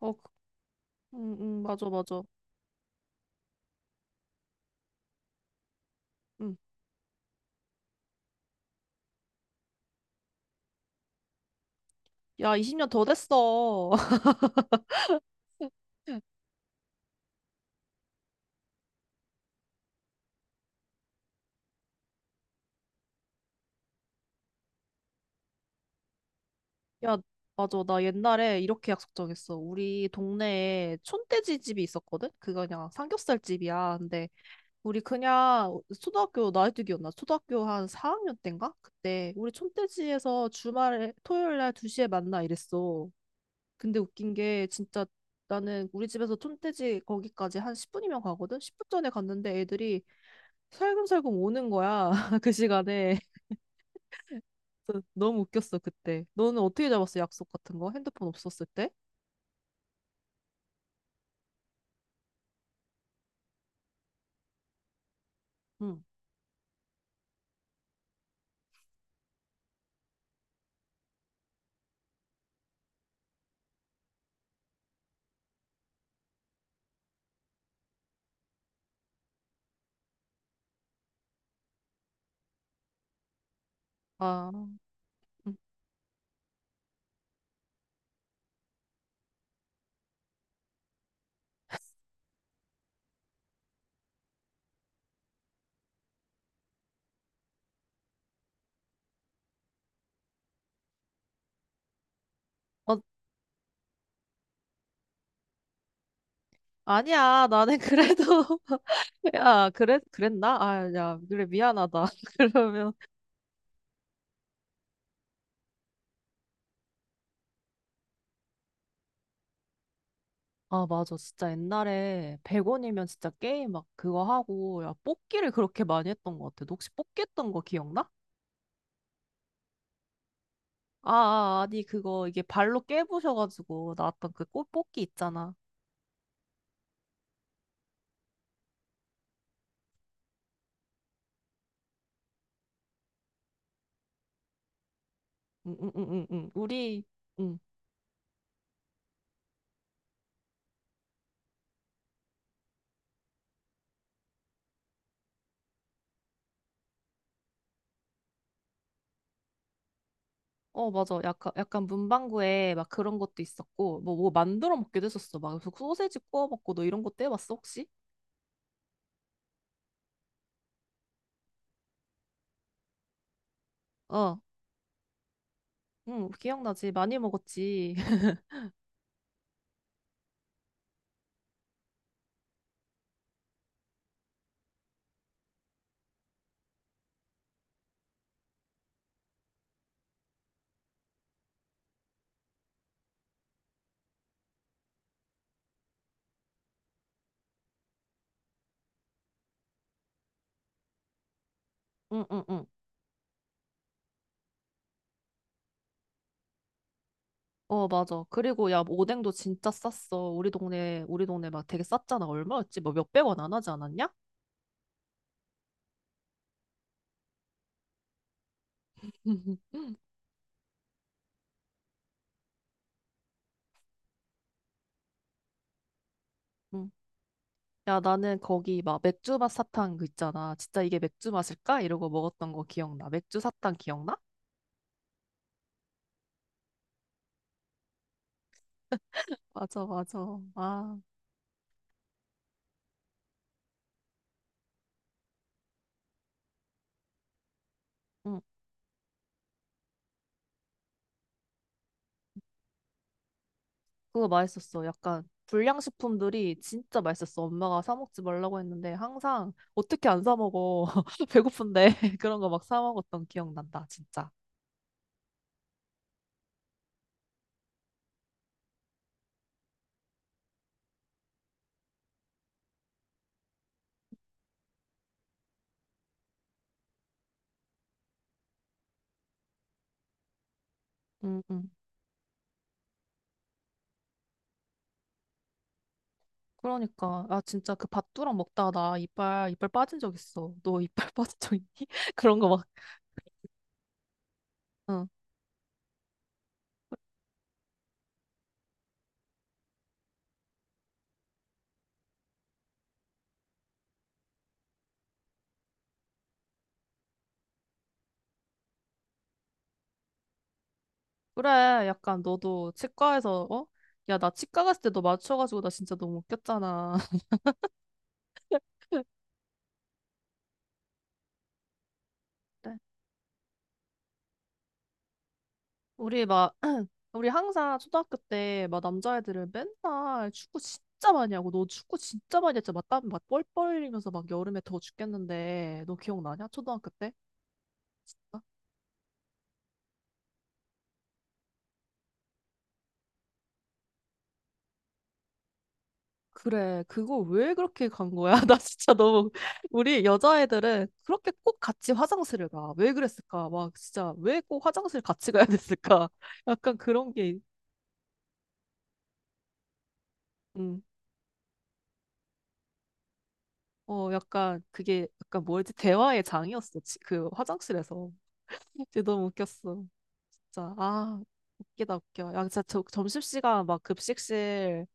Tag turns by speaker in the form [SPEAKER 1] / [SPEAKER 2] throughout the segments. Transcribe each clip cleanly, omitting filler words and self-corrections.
[SPEAKER 1] 어, 그- 음, 맞아, 맞아. 음. 야, 20년 더 됐어. 야, 맞아. 나 옛날에 이렇게 약속 정했어. 우리 동네에 촌돼지 집이 있었거든? 그거 그냥 삼겹살 집이야. 근데 우리 그냥 초등학교 나이뚜기였나? 초등학교 한 4학년 때인가? 그때 우리 촌돼지에서 주말에 토요일 날 2시에 만나 이랬어. 근데 웃긴 게 진짜 나는 우리 집에서 촌돼지 거기까지 한 10분이면 가거든? 10분 전에 갔는데 애들이 살금살금 오는 거야. 그 시간에. 그래서 너무 웃겼어, 그때. 너는 어떻게 잡았어, 약속 같은 거? 핸드폰 없었을 때? 응. 아, 응. 어, 아니야. 나는 그래도, 야, 그래, 그랬나? 아, 야, 그래, 미안하다. 그러면, 아, 맞아. 진짜 옛날에 100원이면 진짜 게임 막 그거 하고, 야, 뽑기를 그렇게 많이 했던 것 같아. 너 혹시 뽑기 했던 거 기억나? 아, 아, 아니, 그거, 이게 발로 깨부셔가지고 나왔던 그 꽃 뽑기 있잖아. 응, 응, 응, 응, 응. 우리, 응. 어, 맞아. 약간, 약간 문방구에 막 그런 것도 있었고, 뭐, 뭐 만들어 먹기도 했었어. 막 소세지 구워 먹고, 너 이런 것도 해봤어, 혹시? 어, 응, 기억나지. 많이 먹었지. 응, 응, 응. 어, 맞아. 그리고 야, 뭐 오뎅도 진짜 쌌어. 우리 동네, 우리 동네 막 되게 쌌잖아. 얼마였지? 뭐 몇백 원 안 하지 않았냐? 응. 야, 나는 거기 막 맥주 맛 사탕 그 있잖아. 진짜 이게 맥주 맛일까? 이러고 먹었던 거 기억나. 맥주 사탕 기억나? 맞아, 맞아. 아. 응, 그거 맛있었어. 약간 불량식품들이 진짜 맛있었어. 엄마가 사 먹지 말라고 했는데 항상 어떻게 안 사 먹어. 배고픈데 그런 거 막 사 먹었던 기억 난다. 진짜. 응응. 그러니까 아 진짜 그 밥두랑 먹다가 나 이빨 빠진 적 있어. 너 이빨 빠진 적 있니? 그런 거 막. 응. 그래. 약간 너도 치과에서 어? 야, 나 치과 갔을 때 너 맞춰가지고 나 진짜 너무 웃겼잖아. 그때 우리 막 우리 항상 초등학교 때 막 남자애들은 맨날 축구 진짜 많이 하고 너 축구 진짜 많이 했잖아. 막땀막 뻘뻘 흘리면서 막 여름에 더워 죽겠는데 너 기억나냐? 초등학교 때? 어? 그래 그거 왜 그렇게 간 거야? 나 진짜 너무 우리 여자애들은 그렇게 꼭 같이 화장실을 가. 왜 그랬을까? 막 진짜 왜 꼭 화장실 같이 가야 됐을까? 약간 그런 게 음. 어, 약간 그게 약간 뭐였지? 대화의 장이었어. 그 화장실에서. 진짜 너무 웃겼어. 진짜 아 웃기다 웃겨. 야 진짜 저 점심시간 막 급식실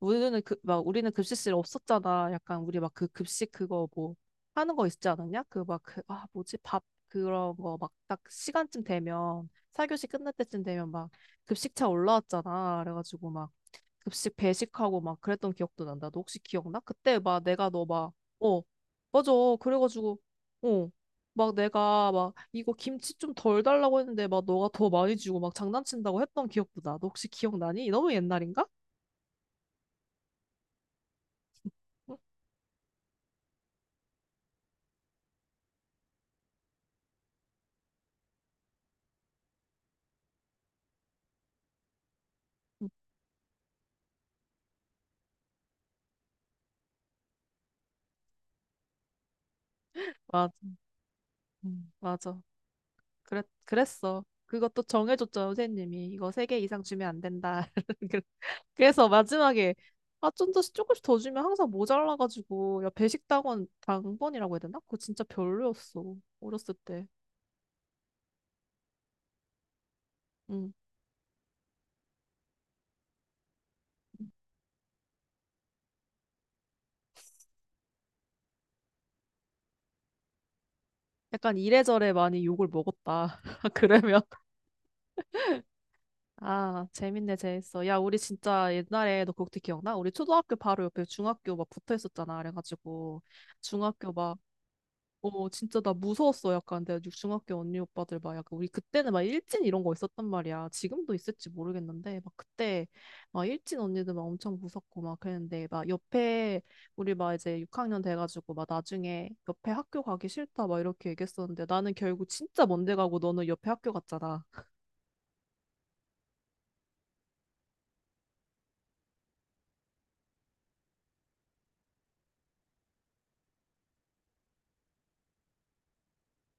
[SPEAKER 1] 우리는 그, 막 우리는 급식실 없었잖아. 약간 우리 막 그 급식 그거 뭐 하는 거 있지 않았냐? 그 막 그 아 뭐지 밥 그런 거 막 딱 시간쯤 되면 4교시 끝날 때쯤 되면 막 급식차 올라왔잖아. 그래가지고 막 급식 배식하고 막 그랬던 기억도 난다. 너 혹시 기억나? 그때 막 내가 너 막, 어, 맞아. 그래가지고, 어, 막 내가 막 이거 김치 좀 덜 달라고 했는데 막 너가 더 많이 주고 막 장난친다고 했던 기억도 나. 너 혹시 기억나니? 너무 옛날인가? 응? 응, 맞아. 응, 맞아. 그랬어. 그것도 정해줬죠, 선생님이. 이거 세 개 이상 주면 안 된다. 그래서 마지막에 아, 좀 더 조금씩 더 주면 항상 모자라가지고 야 배식당원 당번이라고 해야 되나? 그거 진짜 별로였어. 어렸을 때. 응. 약간 이래저래 많이 욕을 먹었다. 그러면 아 재밌네 재밌어. 야 우리 진짜 옛날에 너 그것도 기억나? 우리 초등학교 바로 옆에 중학교 막 붙어 있었잖아. 그래가지고 중학교 막 어, 진짜 나 무서웠어. 약간 내가 중학교 언니 오빠들 막 약간 우리 그때는 막 일진 이런 거 있었단 말이야. 지금도 있을지 모르겠는데 막 그때 막 일진 언니들 막 엄청 무섭고 막 그랬는데 막 옆에 우리 막 이제 6학년 돼가지고 막 나중에 옆에 학교 가기 싫다 막 이렇게 얘기했었는데 나는 결국 진짜 먼데 가고 너는 옆에 학교 갔잖아.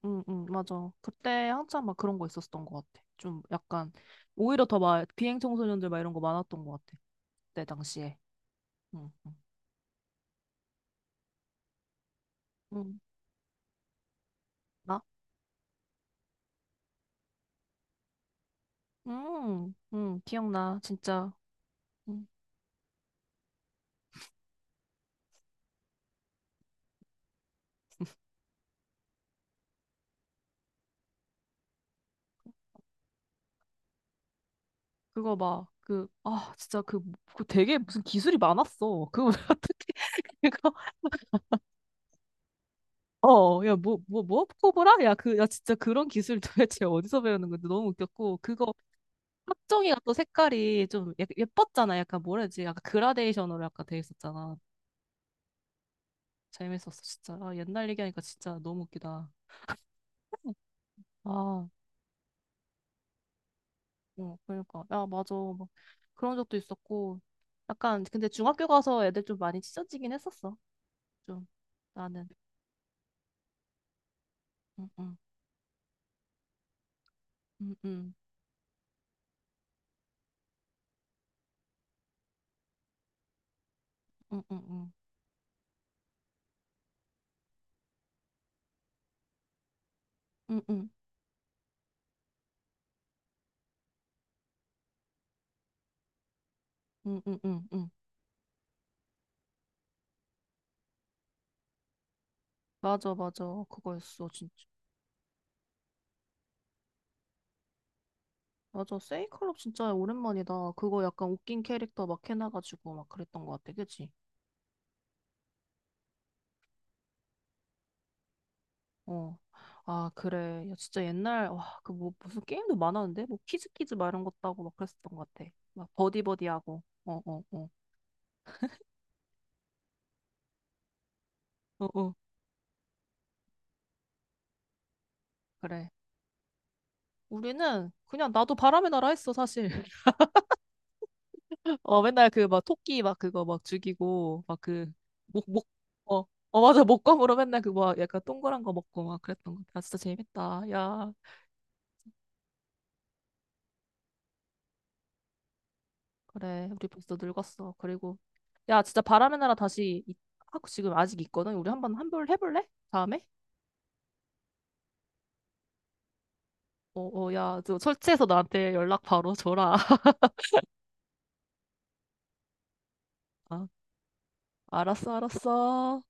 [SPEAKER 1] 응, 응, 맞아. 그때 한참 막 그런 거 있었던 것 같아. 좀 약간 오히려 더 막 비행 청소년들 막 이런 거 많았던 것 같아. 그때 당시에. 응, 응. 응. 기억나, 진짜. 음, 그거 막, 그, 아, 진짜 그, 그 되게 무슨 기술이 많았어. 그거 왜 어떻게, 그거, 어, 야, 뭐, 뭐, 뭐, 코브라? 야, 그, 야, 진짜 그런 기술 도대체 어디서 배우는 건데 너무 웃겼고, 그거, 학정이가 또 색깔이 좀 예뻤잖아. 약간 뭐라 해야 되지? 약간 그라데이션으로 약간 돼 있었잖아. 재밌었어, 진짜. 아, 옛날 얘기하니까 진짜 너무 웃기다. 아, 어, 그러니까. 야, 맞아. 막 그런 적도 있었고. 약간, 근데 중학교 가서 애들 좀 많이 찢어지긴 했었어. 좀, 나는. 응, 응, 응, 응, 응, 응, 응, 응, 응, 응, 응, 응. 응. 맞아, 맞아. 그거였어, 진짜. 맞아. 세이클럽 진짜 오랜만이다. 그거 약간 웃긴 캐릭터 막 해놔가지고 막 그랬던 것 같아. 그치? 어. 아, 그래. 야, 진짜 옛날, 와, 그 뭐, 무슨 게임도 많았는데? 뭐, 퀴즈퀴즈 막 이런 것도 하고 막 그랬었던 것 같아. 막 버디버디하고. 어, 어, 어. 어, 어. 그래. 우리는 그냥 나도 바람의 나라 했어, 사실. 어, 맨날 그 막 토끼 막 그거 막 죽이고, 막 그, 목, 목, 어, 어, 맞아. 목검으로 맨날 그거 막 약간 동그란 거 먹고 막 그랬던 거. 아 진짜 재밌다. 야, 그래. 우리 벌써 늙었어. 그리고, 야, 진짜 바람의 나라 다시, 하고 지금 아직 있거든. 우리 한번 한번 해볼래? 다음에? 어, 어, 야, 저 설치해서 나한테 연락 바로 줘라. 아, 알았어, 알았어.